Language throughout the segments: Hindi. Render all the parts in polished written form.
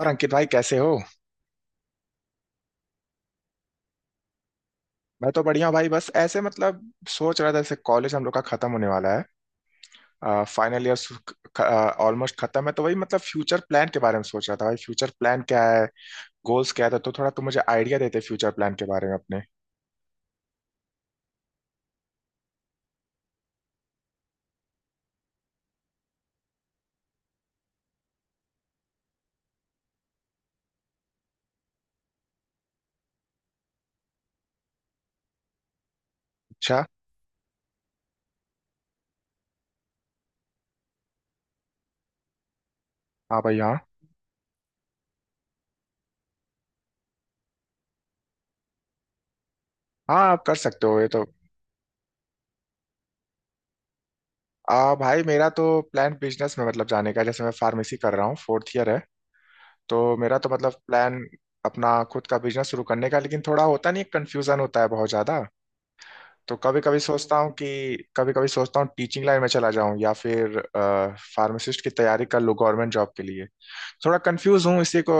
और अंकित भाई, कैसे हो? मैं तो बढ़िया हूँ भाई। बस ऐसे मतलब सोच रहा था जैसे कॉलेज हम लोग का खत्म होने वाला है, फाइनल ईयर ऑलमोस्ट खत्म है। तो वही मतलब फ्यूचर प्लान के बारे में सोच रहा था। भाई फ्यूचर प्लान क्या है, गोल्स क्या था, तो थोड़ा तुम मुझे आइडिया देते फ्यूचर प्लान के बारे में अपने। अच्छा। हाँ भाई, हाँ। हाँ आप कर सकते हो ये तो। भाई मेरा तो प्लान बिजनेस में मतलब जाने का है। जैसे मैं फार्मेसी कर रहा हूँ, फोर्थ ईयर है। तो मेरा तो मतलब प्लान अपना खुद का बिजनेस शुरू करने का, लेकिन थोड़ा होता नहीं, कंफ्यूजन होता है बहुत ज्यादा। तो कभी कभी सोचता हूँ कि कभी कभी सोचता हूँ टीचिंग लाइन में चला जाऊं, या फिर फार्मासिस्ट की तैयारी कर लूँ गवर्नमेंट जॉब के लिए। थोड़ा कंफ्यूज हूँ,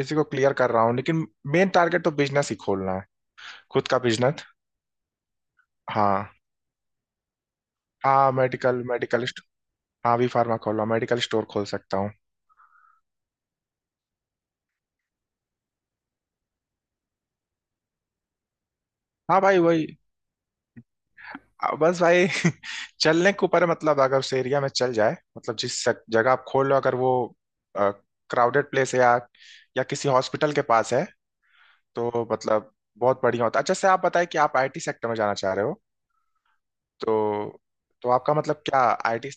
इसी को क्लियर कर रहा हूँ, लेकिन मेन टारगेट तो बिजनेस ही खोलना है, खुद का बिजनेस। हाँ। हाँ मेडिकल मेडिकल। हाँ भी फार्मा खोल रहा हूँ, मेडिकल स्टोर खोल सकता हूँ। हाँ भाई वही। बस भाई। चलने के ऊपर है, मतलब अगर उस एरिया में चल जाए, मतलब जगह आप खोल लो, अगर वो क्राउडेड प्लेस है या किसी हॉस्पिटल के पास है तो मतलब बहुत बढ़िया होता। अच्छा से आप बताएं कि आप आईटी सेक्टर में जाना चाह रहे हो, तो तो आपका मतलब क्या आईटी।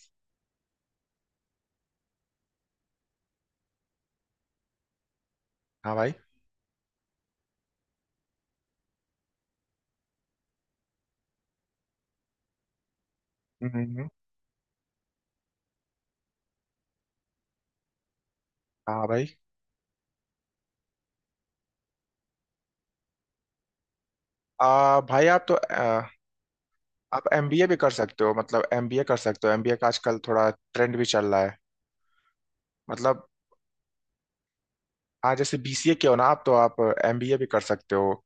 हाँ भाई। हम्म हम्म, हाँ भाई। भाई आप तो आप एमबीए भी कर सकते हो, मतलब एमबीए कर सकते हो। एमबीए का आजकल थोड़ा ट्रेंड भी चल रहा है। मतलब हाँ जैसे बीसीए किया हो ना आप, तो आप एमबीए भी कर सकते हो।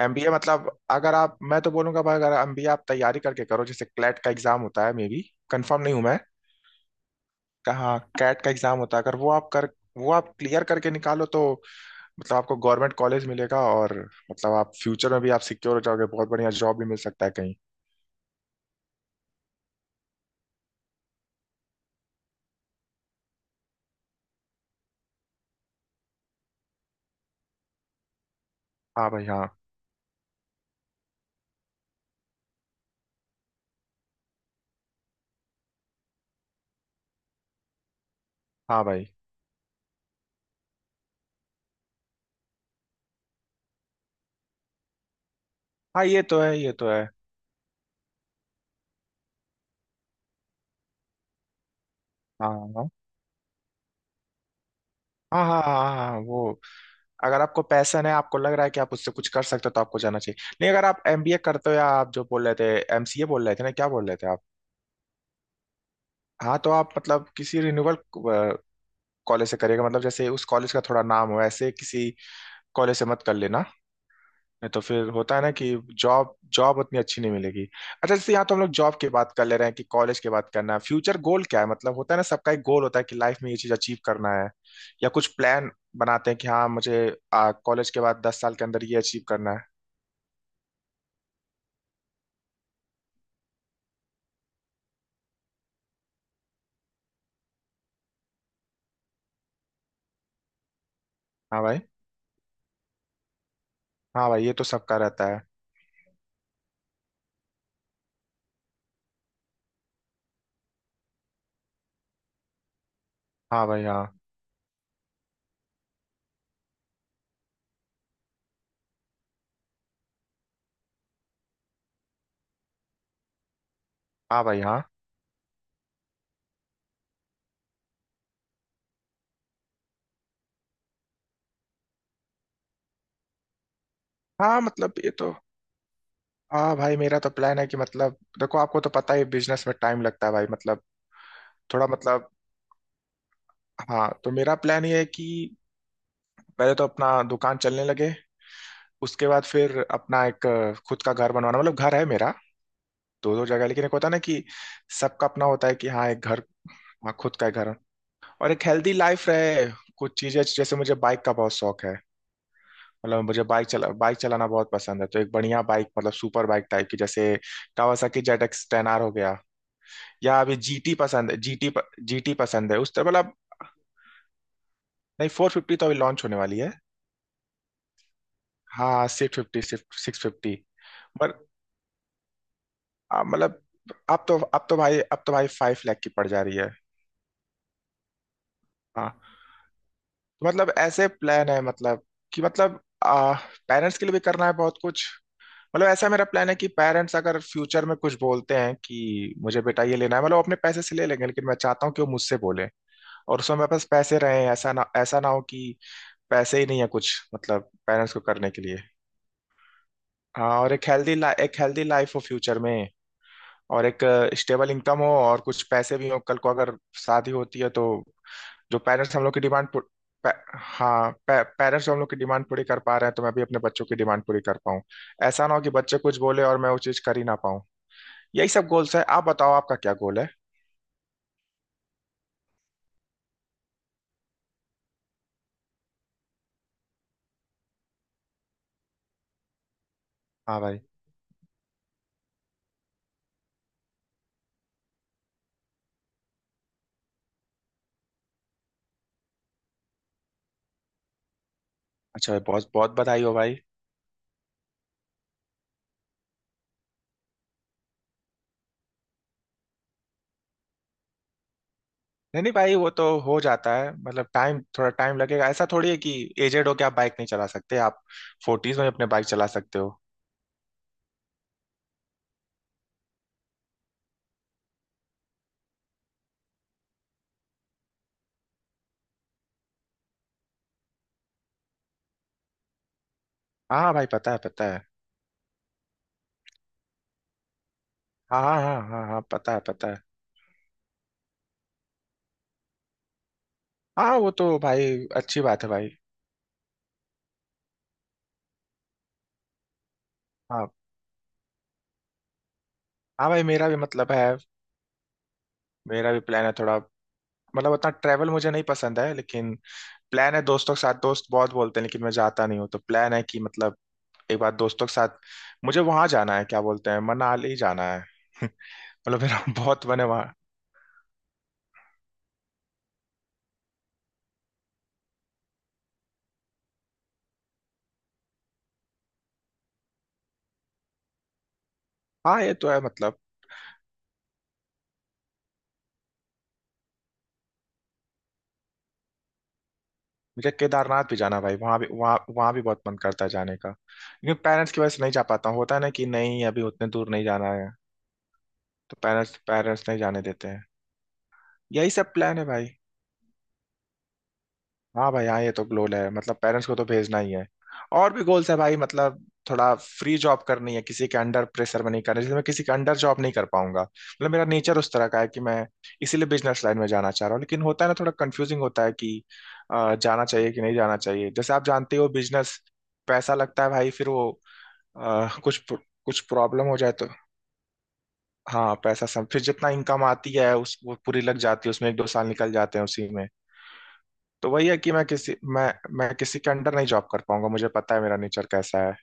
एमबीए मतलब अगर आप, मैं तो बोलूंगा भाई अगर एमबीए आप तैयारी करके करो, जैसे क्लैट का एग्जाम होता है, मे बी कंफर्म नहीं हूं मैं। हाँ कैट का एग्जाम होता है, अगर वो आप कर, वो आप क्लियर करके निकालो तो मतलब आपको गवर्नमेंट कॉलेज मिलेगा, और मतलब आप फ्यूचर में भी आप सिक्योर हो जाओगे, बहुत बढ़िया जॉब भी मिल सकता है कहीं। हाँ भाई हाँ। हाँ भाई हाँ, ये तो है ये तो है। हाँ हाँ हाँ हाँ हाँ हाँ, हाँ, वो अगर आपको पैसन है, आपको लग रहा है कि आप उससे कुछ कर सकते हो, तो आपको जाना चाहिए। नहीं अगर आप एमबीए करते हो, या आप जो बोल रहे थे एमसीए बोल रहे थे ना, क्या बोल रहे थे आप? हाँ तो आप मतलब किसी रिन्यूअल कॉलेज से करिएगा, मतलब जैसे उस कॉलेज का थोड़ा नाम हो, ऐसे किसी कॉलेज से मत कर लेना। नहीं तो फिर होता है ना कि जॉब जॉब उतनी अच्छी नहीं मिलेगी। अच्छा जैसे यहाँ तो हम लोग जॉब की बात कर ले रहे हैं, कि कॉलेज की बात करना है, फ्यूचर गोल क्या है, मतलब होता है ना सबका एक गोल होता है कि लाइफ में ये चीज अचीव करना है, या कुछ प्लान बनाते हैं कि हाँ मुझे कॉलेज के बाद 10 साल के अंदर ये अचीव करना है। हाँ भाई। हाँ भाई ये तो सबका रहता है। हाँ भाई हाँ। हाँ भाई हाँ। हाँ मतलब ये तो। हाँ भाई मेरा तो प्लान है कि मतलब देखो आपको तो पता ही बिजनेस में टाइम लगता है भाई मतलब, थोड़ा मतलब, हाँ तो मेरा प्लान ये है कि पहले तो अपना दुकान चलने लगे, उसके बाद फिर अपना एक खुद का घर बनवाना। मतलब घर है मेरा दो दो जगह, लेकिन एक होता है ना कि सबका अपना होता है कि हाँ एक घर। हाँ खुद का घर। और एक हेल्दी लाइफ रहे। कुछ चीजें जैसे मुझे बाइक का बहुत शौक है, मतलब मुझे बाइक चलाना बहुत पसंद है। तो एक बढ़िया बाइक, मतलब सुपर बाइक टाइप की, जैसे कावासाकी ZX10R हो गया, या अभी जीटी पसंद है, जीटी, जीटी पसंद है उस तरह मतलब। नहीं 450 तो अभी लॉन्च होने वाली है। हाँ 650, 650। मतलब अब तो भाई 5 लाख की पड़ जा रही है। हाँ तो मतलब ऐसे प्लान है मतलब कि मतलब आ, पेरेंट्स के लिए भी करना है बहुत कुछ। मतलब ऐसा मेरा प्लान है कि पेरेंट्स अगर फ्यूचर में कुछ बोलते हैं कि मुझे बेटा ये लेना है, मतलब वो अपने पैसे से ले लेंगे, लेकिन मैं चाहता हूँ कि वो मुझसे बोले और उसमें मेरे पास पैसे रहे, ऐसा ना हो कि पैसे ही नहीं है कुछ मतलब पेरेंट्स को करने के लिए। हाँ और एक हेल्दी, एक हेल्दी लाइफ हो फ्यूचर में। और एक स्टेबल इनकम हो, और कुछ पैसे भी हो कल को अगर शादी होती है तो। जो पेरेंट्स हम लोग की डिमांड पे, हाँ पेरेंट्स जो हम लोग की डिमांड पूरी कर पा रहे हैं, तो मैं भी अपने बच्चों की डिमांड पूरी कर पाऊँ। ऐसा ना हो कि बच्चे कुछ बोले और मैं वो चीज कर ही ना पाऊँ। यही सब गोल्स है। आप बताओ आपका क्या गोल है। हाँ भाई। अच्छा भाई बहुत बहुत बधाई हो भाई। नहीं नहीं भाई वो तो हो जाता है, मतलब टाइम थोड़ा टाइम लगेगा, ऐसा थोड़ी है कि एजेड हो के आप बाइक नहीं चला सकते। आप फोर्टीज में अपने बाइक चला सकते हो। हाँ भाई पता है, पता है। हाँ हाँ हाँ हाँ हाँ, पता है पता है। हाँ वो तो भाई। अच्छी बात है भाई। हाँ हाँ भाई मेरा भी मतलब है। मेरा भी प्लान है थोड़ा मतलब, उतना ट्रैवल मुझे नहीं पसंद है, लेकिन प्लान है दोस्तों के साथ। दोस्त बहुत बोलते हैं लेकिन मैं जाता नहीं हूँ, तो प्लान है कि मतलब एक बार दोस्तों के साथ मुझे वहां जाना है, क्या बोलते हैं, मनाली जाना है। मतलब मेरा बहुत मन है वहाँ। हाँ ये तो है मतलब। मुझे केदारनाथ भी जाना है भाई, वहां भी वहां वहां भी बहुत मन करता है जाने का, लेकिन पेरेंट्स की वजह से नहीं जा पाता हूँ। होता है ना कि नहीं अभी उतने दूर नहीं जाना है, तो पेरेंट्स पेरेंट्स नहीं जाने देते हैं। यही सब प्लान है भाई। हाँ भाई हाँ, ये तो गोल है मतलब पेरेंट्स को तो भेजना ही है। और भी गोल्स है भाई मतलब थोड़ा फ्री जॉब करनी है, किसी के अंडर प्रेशर में नहीं करना, जैसे मैं किसी के अंडर जॉब नहीं कर पाऊंगा, मतलब मेरा नेचर उस तरह का है कि मैं, इसीलिए बिजनेस लाइन में जाना चाह रहा हूँ। लेकिन होता है ना थोड़ा कंफ्यूजिंग होता है कि जाना चाहिए कि नहीं जाना चाहिए। जैसे आप जानते हो बिजनेस पैसा लगता है भाई, फिर वो कुछ कुछ प्रॉब्लम हो जाए तो। हाँ पैसा सब, फिर जितना इनकम आती है उस वो पूरी लग जाती है उसमें, एक दो साल निकल जाते हैं उसी में। तो वही है कि मैं किसी के अंडर नहीं जॉब कर पाऊंगा, मुझे पता है मेरा नेचर कैसा है,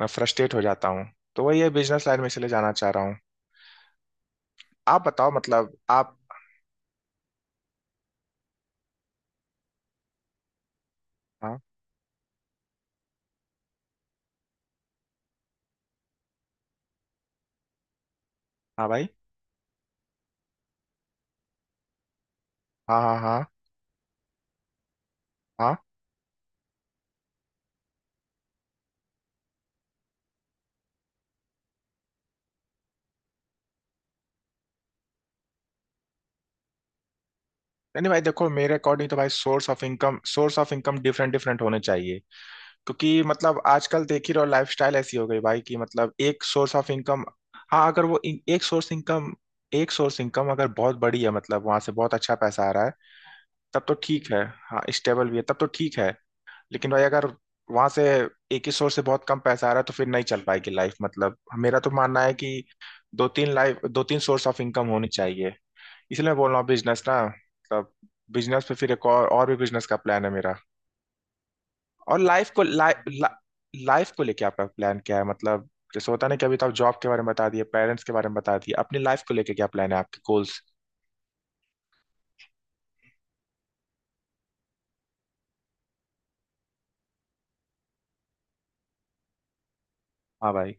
मैं फ्रस्ट्रेट हो जाता हूँ। तो वही है बिजनेस लाइन में इसलिए जाना चाह रहा हूँ। आप बताओ मतलब आप। हाँ हाँ भाई हाँ हाँ हाँ हाँ। नहीं नहीं भाई देखो मेरे अकॉर्डिंग तो भाई source of income, source of income different different होने चाहिए। क्योंकि मतलब आजकल देख ही रहो लाइफस्टाइल ऐसी हो गई भाई कि मतलब एक सोर्स ऑफ इनकम। हाँ अगर वो एक सोर्स इनकम, एक सोर्स इनकम अगर बहुत बड़ी है, मतलब वहां से बहुत अच्छा पैसा आ रहा है तब तो ठीक है। हाँ स्टेबल भी है तब तो ठीक है। लेकिन भाई अगर वहां से एक ही सोर्स से बहुत कम पैसा आ रहा है तो फिर नहीं चल पाएगी लाइफ मतलब। मेरा तो मानना है कि दो तीन सोर्स ऑफ इनकम होनी चाहिए। इसलिए मैं बोल रहा हूँ बिजनेस ना मतलब बिजनेस पे फिर एक और भी बिजनेस का प्लान है मेरा। और लाइफ को लाइफ लाइफ को लेके आपका प्लान क्या है मतलब, जैसे होता नहीं कि अभी तो आप जॉब के बारे में बता दिए, पेरेंट्स के बारे में बता दिए, अपनी लाइफ को लेके क्या प्लान है आपके गोल्स। हाँ भाई।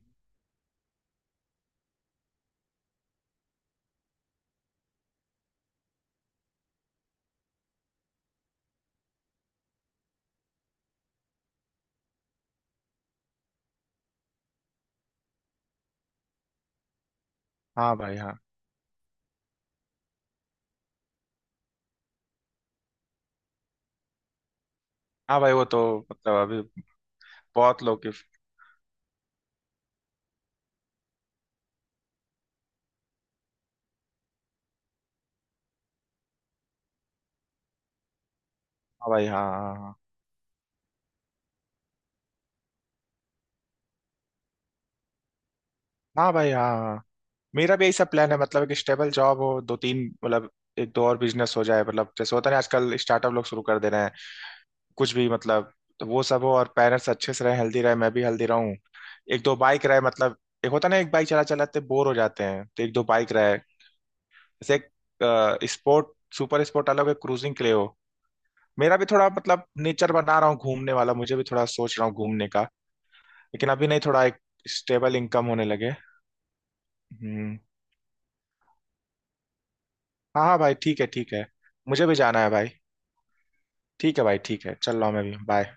हाँ भाई हाँ हाँ। भाई वो तो मतलब अभी। बहुत लोग के हाँ। भाई हाँ हाँ हाँ। हाँ भाई हाँ हाँ हाँ। मेरा भी यही सब प्लान है मतलब एक स्टेबल जॉब हो, दो तीन मतलब एक दो और बिजनेस हो जाए, मतलब जैसे होता है ना आजकल स्टार्टअप लोग शुरू कर दे रहे हैं कुछ भी मतलब। तो वो सब हो, और पेरेंट्स अच्छे से रहे, हेल्दी रहे, मैं भी हेल्दी रहूं। एक दो बाइक रहे मतलब, एक होता है ना एक बाइक चला चलाते बोर हो जाते हैं तो एक दो बाइक रहे। जैसे एक स्पोर्ट, सुपर स्पोर्ट अलग है, क्रूजिंग के लिए हो। मेरा भी थोड़ा मतलब नेचर बना रहा हूँ घूमने वाला, मुझे भी थोड़ा सोच रहा हूँ घूमने का। लेकिन अभी नहीं, थोड़ा एक स्टेबल इनकम होने लगे। हम्म। हाँ हाँ भाई ठीक है ठीक है। मुझे भी जाना है भाई। ठीक है भाई ठीक है, चल रहा हूँ मैं भी, बाय।